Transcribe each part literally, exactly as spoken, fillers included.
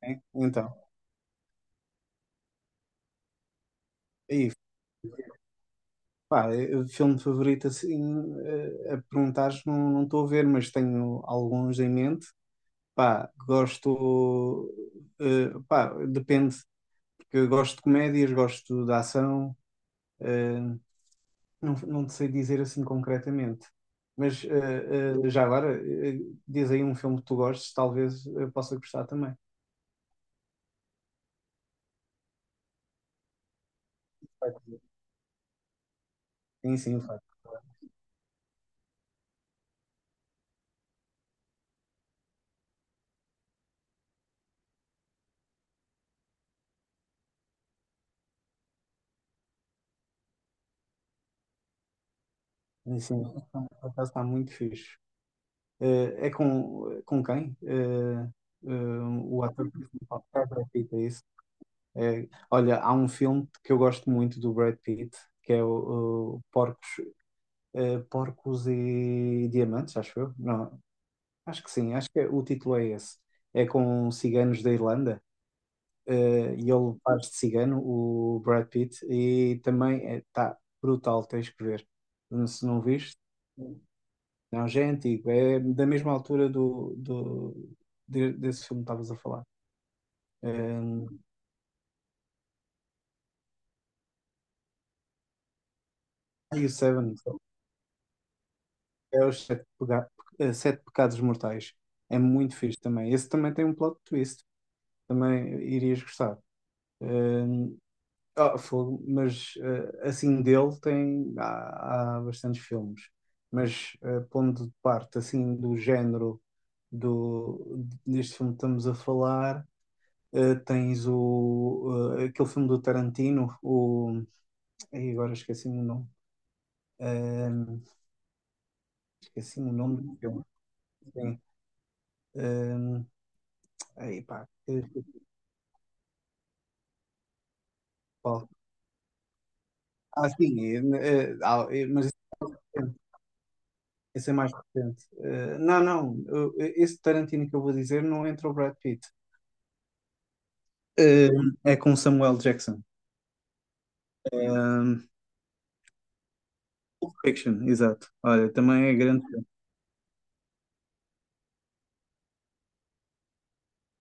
É, então, é isso. Pá, é- é filme favorito assim, eh, a perguntares, não não estou a ver, mas tenho alguns em mente. Pá, gosto, eh, pá, depende, porque eu gosto de comédias, gosto de ação, eh, não, não te sei dizer assim concretamente. Mas eh, eh, já agora, eh, diz aí um filme que tu gostes, talvez eu possa gostar também. Sim, sim, vai. Sim, sim, por acaso está muito fixe. Eh, é com, eh, com quem? Eh, eh, o ator principal é Brad Pitt, é isso? É, olha, há um filme que eu gosto muito do Brad Pitt, que é o, o Porcos, eh, Porcos e Diamantes, acho eu. Não, acho que sim, acho que é- o título é esse. É com ciganos da Irlanda, eh, e ele faz de cigano, o Brad Pitt, e também está brutal, tens que ver. Se não viste. Não, já é antigo, é da mesma altura do, do, de- desse filme que estavas a falar. Um, e o Seven, é os Sete, Pega- eh, Sete Pecados Mortais. É muito fixe também. Esse também tem um plot twist, também irias gostar. Um, ah, fogo, mas eh, assim dele tem, há, há bastantes filmes. Mas eh, pondo de parte assim do género do, deste filme que estamos a falar. eh, tens o, eh, aquele filme do Tarantino, o, ai, agora esqueci-me o nome. Ahm, esqueci-me o nome do filme. Sim. Ahm, ai, pá, eh, qual? Ah, sim, eh, eh, ah, eh, mas esse é recente, esse é mais recente. Eh, não, não, eu- esse Tarantino que eu vou dizer não entra o Brad Pitt. Ahm, é com Samuel Jackson. Ahm. Pulp Fiction, exato. Olha, também é grande filme,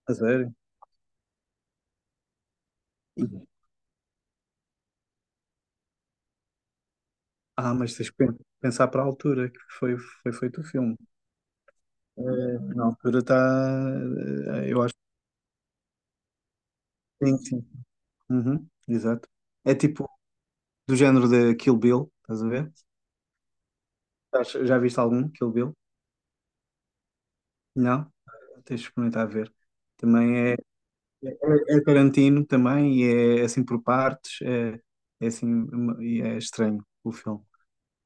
a sério. E- Ah, mas tens que pen- pensar para a altura que foi, foi feito o filme. Eh, na altura está. Eu acho que sim, sim. Uhum, exato. É tipo do género de Kill Bill, estás a ver? Estás- Já viste algum Kill Bill? Não? Tens de experimentar ver. Também é, é, é Tarantino também e é assim por partes. É, é assim uma- e é estranho o filme.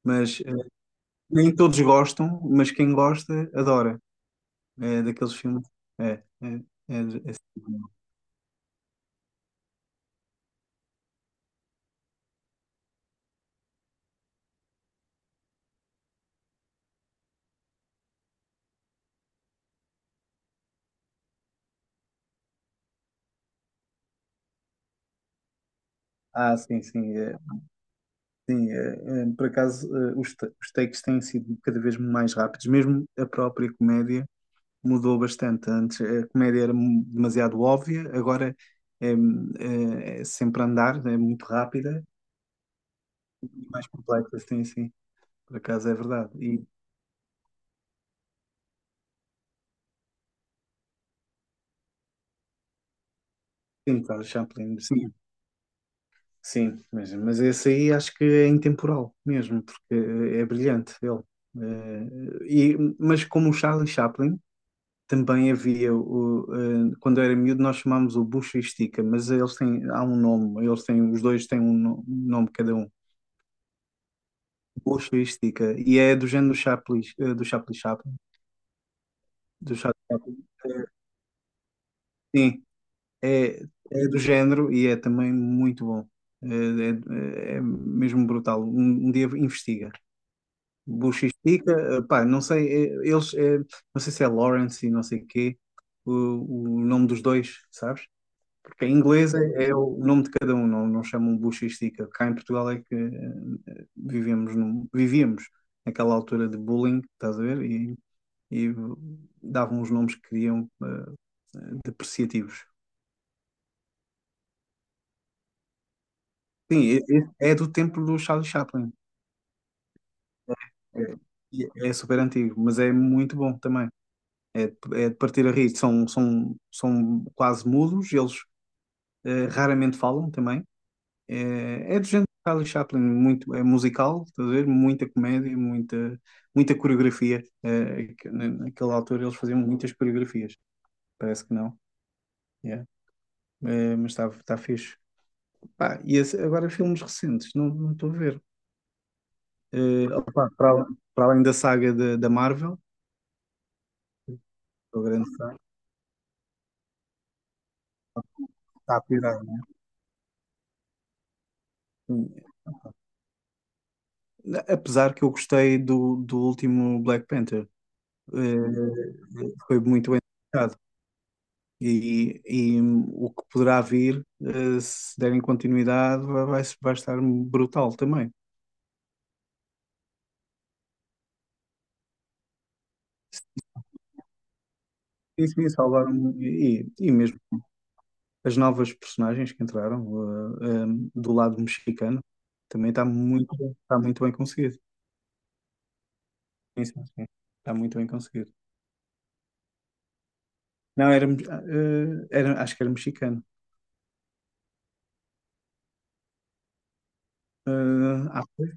Mas eh, nem todos gostam, mas quem gosta adora. É daqueles filmes. É, é, é, é- assim. Ah, sim, sim. É. Sim, eh, eh, por acaso, eh, os, ta- os takes têm sido cada vez mais rápidos, mesmo a própria comédia mudou bastante. Antes a comédia era mu- demasiado óbvia, agora é, é- é sempre a andar, é muito rápida e mais complexa, sim, sim, por acaso é verdade. E sim, Charles Chaplin, sim, sim, mas, mas esse aí acho que é intemporal mesmo, porque eh, é brilhante ele. Eh, e, mas como o Charlie Chaplin. Também havia o, eh, quando eu era miúdo nós chamámos o bucha e estica, mas eles têm, há um nome, eles têm, os dois têm um no- um nome cada um, bucha e estica, e é do género do Chaplin, eh, do Chaplin Chaplin, do Charlie Chaplin. Eh, sim, é, é do género e é também muito bom. Eh, é, é mesmo brutal, um, um dia investiga, bucha e estica, eh, pá, não sei, eh, eles, eh, não sei se é Lawrence e não sei o quê, o, o nome dos dois, sabes? Em inglês é, é o nome de cada um, não, não chamam buchística. Cá em Portugal é que eh, vivemos num- vivíamos naquela altura de bullying, estás a ver? E, e davam os nomes que queriam eh, depreciativos. Sim, é, é do tempo do Charlie Chaplin. É, e é super antigo, mas é muito bom também. É, é de partir a rir. São, são, são quase mudos, eles eh, raramente falam também. É, é do género de Charlie Chaplin, muito, é musical, estás a ver? Muita comédia, muita, muita coreografia. É, que na- naquela altura eles faziam muitas coreografias, parece que não. Yeah. É, mas está tá tá fixe. Pá, e esse- agora filmes recentes, não não estou a ver. É, opá, para, al- para além da saga da da Marvel, estou grande fã, está a pirar. Hum, Apesar que eu gostei do, do último Black Panther. É, foi muito bem tratado. E, e o que poderá vir, eh, se derem continuidade, vai, vai, vai estar brutal também. Sim, sim, salvaram e, e mesmo as novas personagens que entraram eh, eh, do lado mexicano também está muito, está muito bem conseguido. Sim, sim, sim. Está muito bem conseguido. Não, era, eh, era, acho que era mexicano. Eh, ah, foi?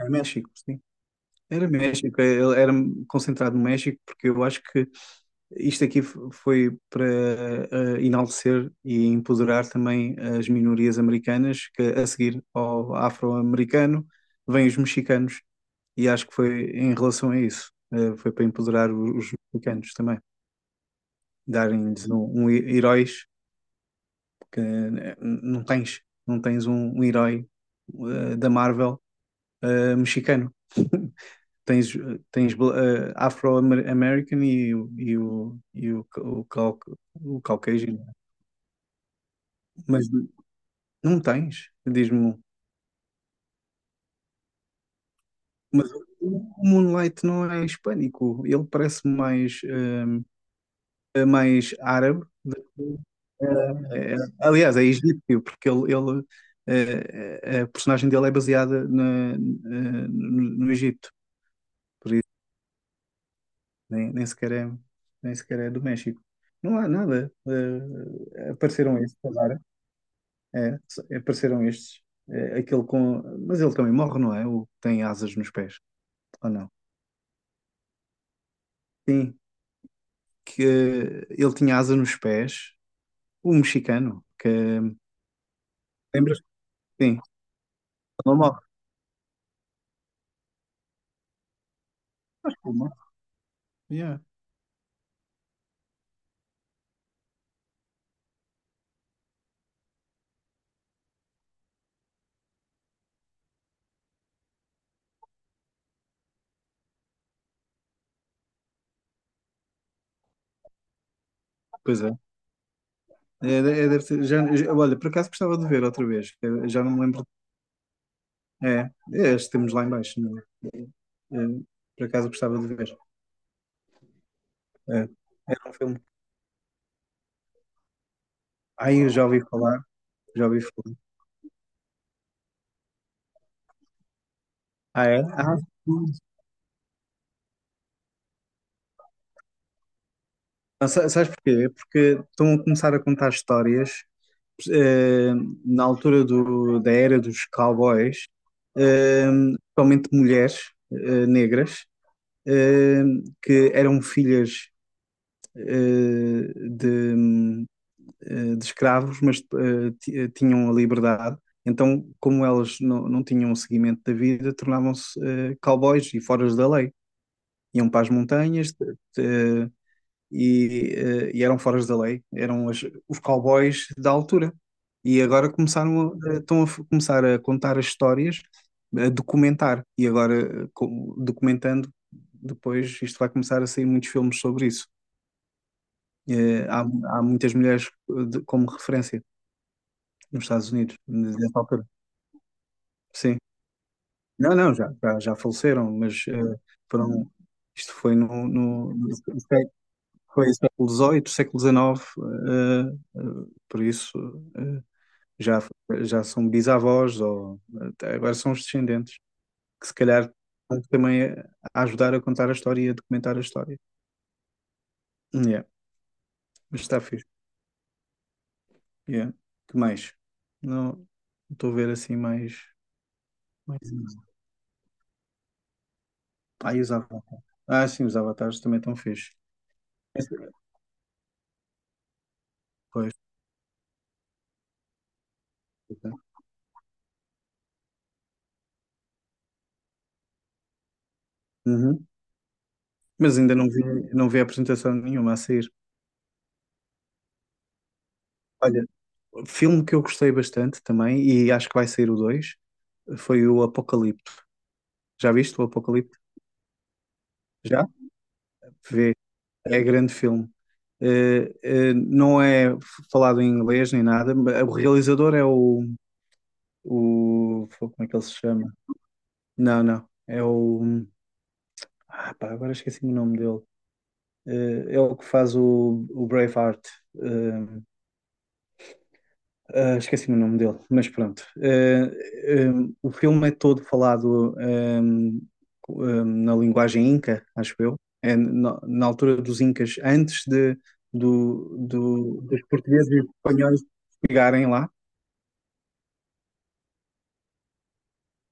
Era México, sim. Era México, é, ele era concentrado no México, porque eu acho que isto aqui f- foi para eh, enaltecer e empoderar também as minorias americanas, que a seguir ao afro-americano vêm os mexicanos, e acho que foi em relação a isso, eh, foi para empoderar o- os mexicanos também, darem-lhes um, um he- heróis, porque eh, n- não tens, não tens um, um herói eh, da Marvel eh, mexicano. Tens, tens eh, Afro-American e, o- e, o, e o, o, cal, o Caucasian, mas não tens, diz-me um. Mas o Moonlight não é hispânico, ele parece mais, eh, eh, mais árabe. Do que- eh, eh, aliás, é egípcio, porque ele, ele, eh, eh, a personagem dele é baseada na, eh, no, no Egito, por isso nem, nem sequer é, nem sequer é do México. Não há nada. eh, apareceram esses agora. É, apareceram estes. É, aquele com. Mas ele também morre, não é? O que tem asas nos pés, ou não? Sim, que ele tinha asas nos pés, o mexicano, que. Lembras? Sim, ele morre. Ele morre. Yeah. Pois é. É, é, é, deve ser- já, já- olha, por acaso gostava de ver outra vez. Eu já não me lembro. É, é este temos lá em baixo. Não é? É, é, por acaso gostava de ver. É, era um filme. Ai, eu já ouvi falar. Já ouvi falar. Ah, é? Ah, não, sa- sabes porquê? É porque estão a começar a contar histórias eh, na altura do- da era dos cowboys, eh, principalmente mulheres eh, negras, eh, que eram filhas eh, de, eh, de escravos, mas eh, ti- eh, tinham a liberdade. Então, como elas não, não tinham o seguimento da vida, tornavam-se eh, cowboys e foras da lei. Iam para as montanhas, eh, e, eh, e eram foras da lei, eram as- os cowboys da altura. E agora começaram a, estão a f- começar a contar as histórias, a documentar. E agora, eh, co- documentando, depois isto vai começar a sair muitos filmes sobre isso. Eh, há, há muitas mulheres eh, de- como referência nos Estados Unidos, nessa altura. Sim. Não, não, já, já, já faleceram, mas eh, foram, isto foi no, no, no Foi século dezoito, século dezanove, eh, eh, por isso eh, já, já são bisavós ou até agora são os descendentes, que se calhar vão também a a ajudar a contar a história e a documentar a história. Yeah, mas está fixe. Yeah. Que mais? Não estou a ver assim mais. Mais... Ah, e os avatares. Ah, sim, os avatares também estão fixe. Esse- pois. Ok. Uhum. Mas ainda não vi, não vi a apresentação nenhuma a sair. Olha, filme que eu gostei bastante também, e acho que vai sair o dois foi o Apocalipto. Já viste o Apocalipto? Já? Vê, é grande filme. Eh, eh, não é falado em inglês nem nada, mas o realizador é o, o. Como é que ele se chama? Não, não. É o. Ah, pá, agora esqueci o nome dele. Eh, é o que faz o, o Braveheart. Eh, ah, esqueci-me o nome dele, mas pronto. Ah, ah, o filme é todo falado ah, ah, na linguagem inca, acho eu. É na, na altura dos incas, antes de, do, do- dos portugueses e espanhóis chegarem lá.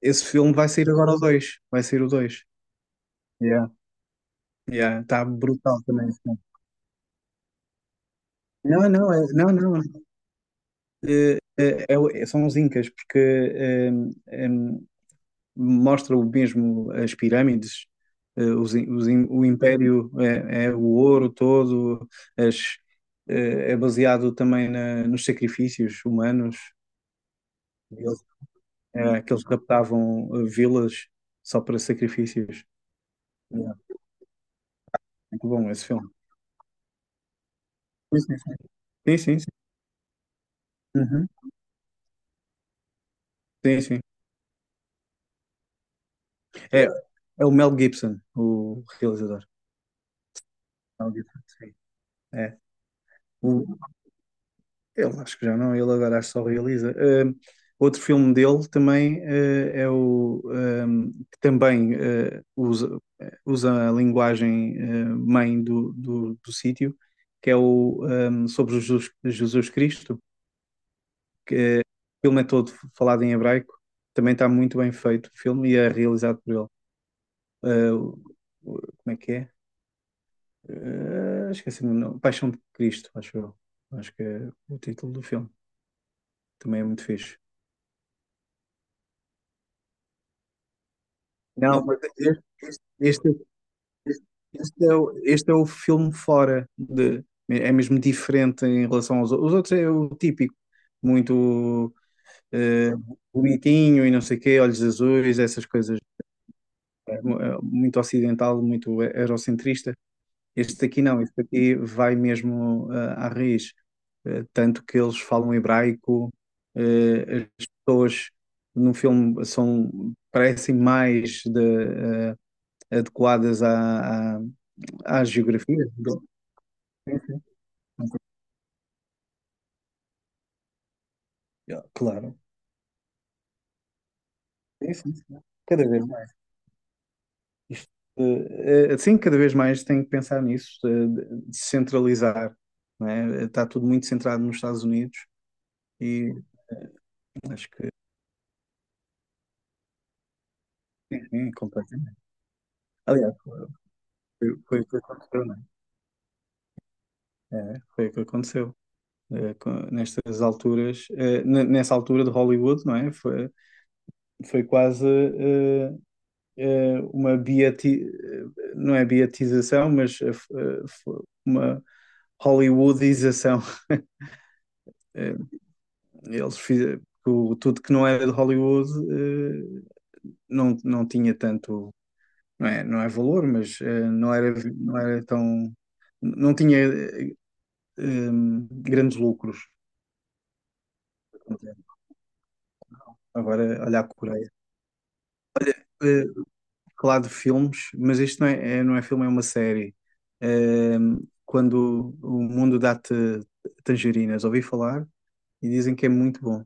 Esse filme vai sair agora o dois. Vai sair o dois. Yeah. Yeah, tá brutal também. Esse filme. Não, não, é- não, não. É- é- é o- são os incas, porque hum, hum, mostra o mesmo as pirâmides, eh, os im- os im- o império é, é o ouro todo, as- eh, é baseado também na- nos sacrifícios humanos. Eles- é, que eles raptavam eh, vilas só para sacrifícios. Yeah, muito bom esse filme. Sim, sim, sim. Uhum. Sim, sim. É, é o Mel Gibson, o realizador. Mel Gibson, sim. É. O, ele acho que já não, ele agora acho que só realiza. Ahm, outro filme dele também eh, é o ahm, que também eh, usa, usa a linguagem eh, mãe do, do, do sítio, que é o ahm, sobre Jesus, Jesus Cristo, que o filme é todo falado em hebraico, também está muito bem feito o filme e é realizado por ele. Ah, o- o- como é que é? Ah, esqueci-me o nome. Paixão de Cristo, acho eu. Acho que é o título do filme. Também é muito fixe. Não, mas este, este, este é o, este é o filme fora de. É mesmo diferente em relação aos outros. Os outros é o típico, muito eh, bonitinho e não sei o quê, olhos azuis, essas coisas. eh, mu- eh, Muito ocidental, muito eurocentrista. Este aqui não, este aqui vai mesmo eh, à raiz. Eh, tanto que eles falam hebraico, eh, as pessoas no filme são, parecem mais de, eh, adequadas à, à- à geografia? do- Ah, claro. Sim, sim, sim. Cada vez mais. Isto, eh, eh, sim, cada vez mais tem que pensar nisso, de, de- de centralizar, não é? Está tudo muito centrado nos Estados Unidos e acho que, enfim, completamente. Aliás, foi, foi o que aconteceu, não é? É, foi o que aconteceu. Eh, com- nestas alturas, eh, n- nessa altura de Hollywood, não é? Foi, foi quase eh, eh, uma beati, eh, não é beatização, mas eh, eh, uma Hollywoodização. Eh, eles fizeram o- tudo que não era de Hollywood eh, não, não tinha tanto, não é, não é valor, mas eh, não era, não era tão, não tinha eh, eh, grandes lucros. Agora, olha a Coreia. Eh, falar de filmes, mas isto não é, é- não é filme, é uma série. Ahm, quando o mundo dá-te tangerinas, ouvi falar e dizem que é muito bom.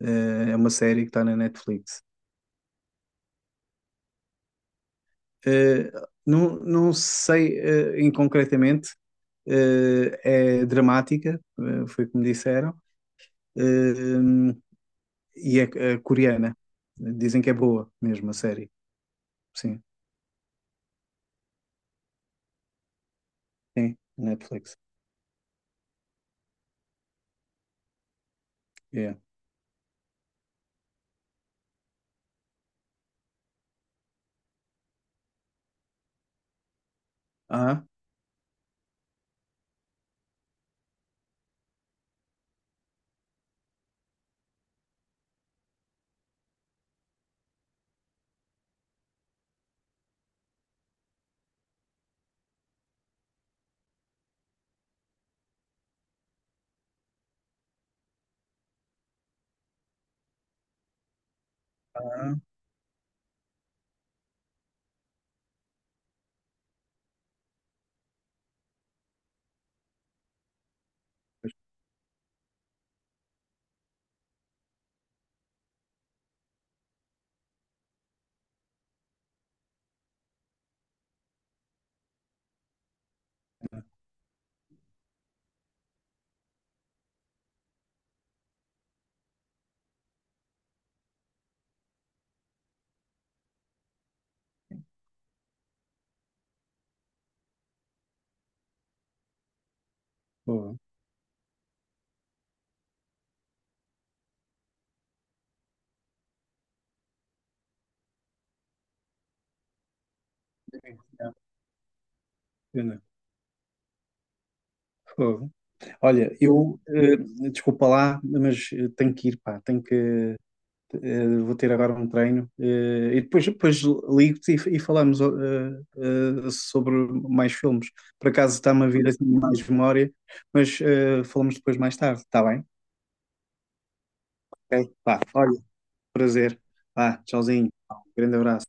Ah, é uma série que está na Netflix. Ah, não, não sei ah, em concretamente, ah, é dramática, ah, foi como disseram, ah, e é, é coreana. Dizem que é boa mesmo a série. Sim, sim, Netflix. Yeah. Ah, ah, boa. Yeah. Pena. Fogo. Olha, eu, eh, desculpa lá, mas eh, tenho que ir, pá, tenho que, eh, vou ter agora um treino, eh, e depois, depois ligo-te e, e falamos eh, eh, sobre mais filmes. Por acaso está-me a vir assim mais memória, mas eh, falamos depois mais tarde, está bem? Ok? Pá, olha, prazer. Pá, tchauzinho. Um grande abraço.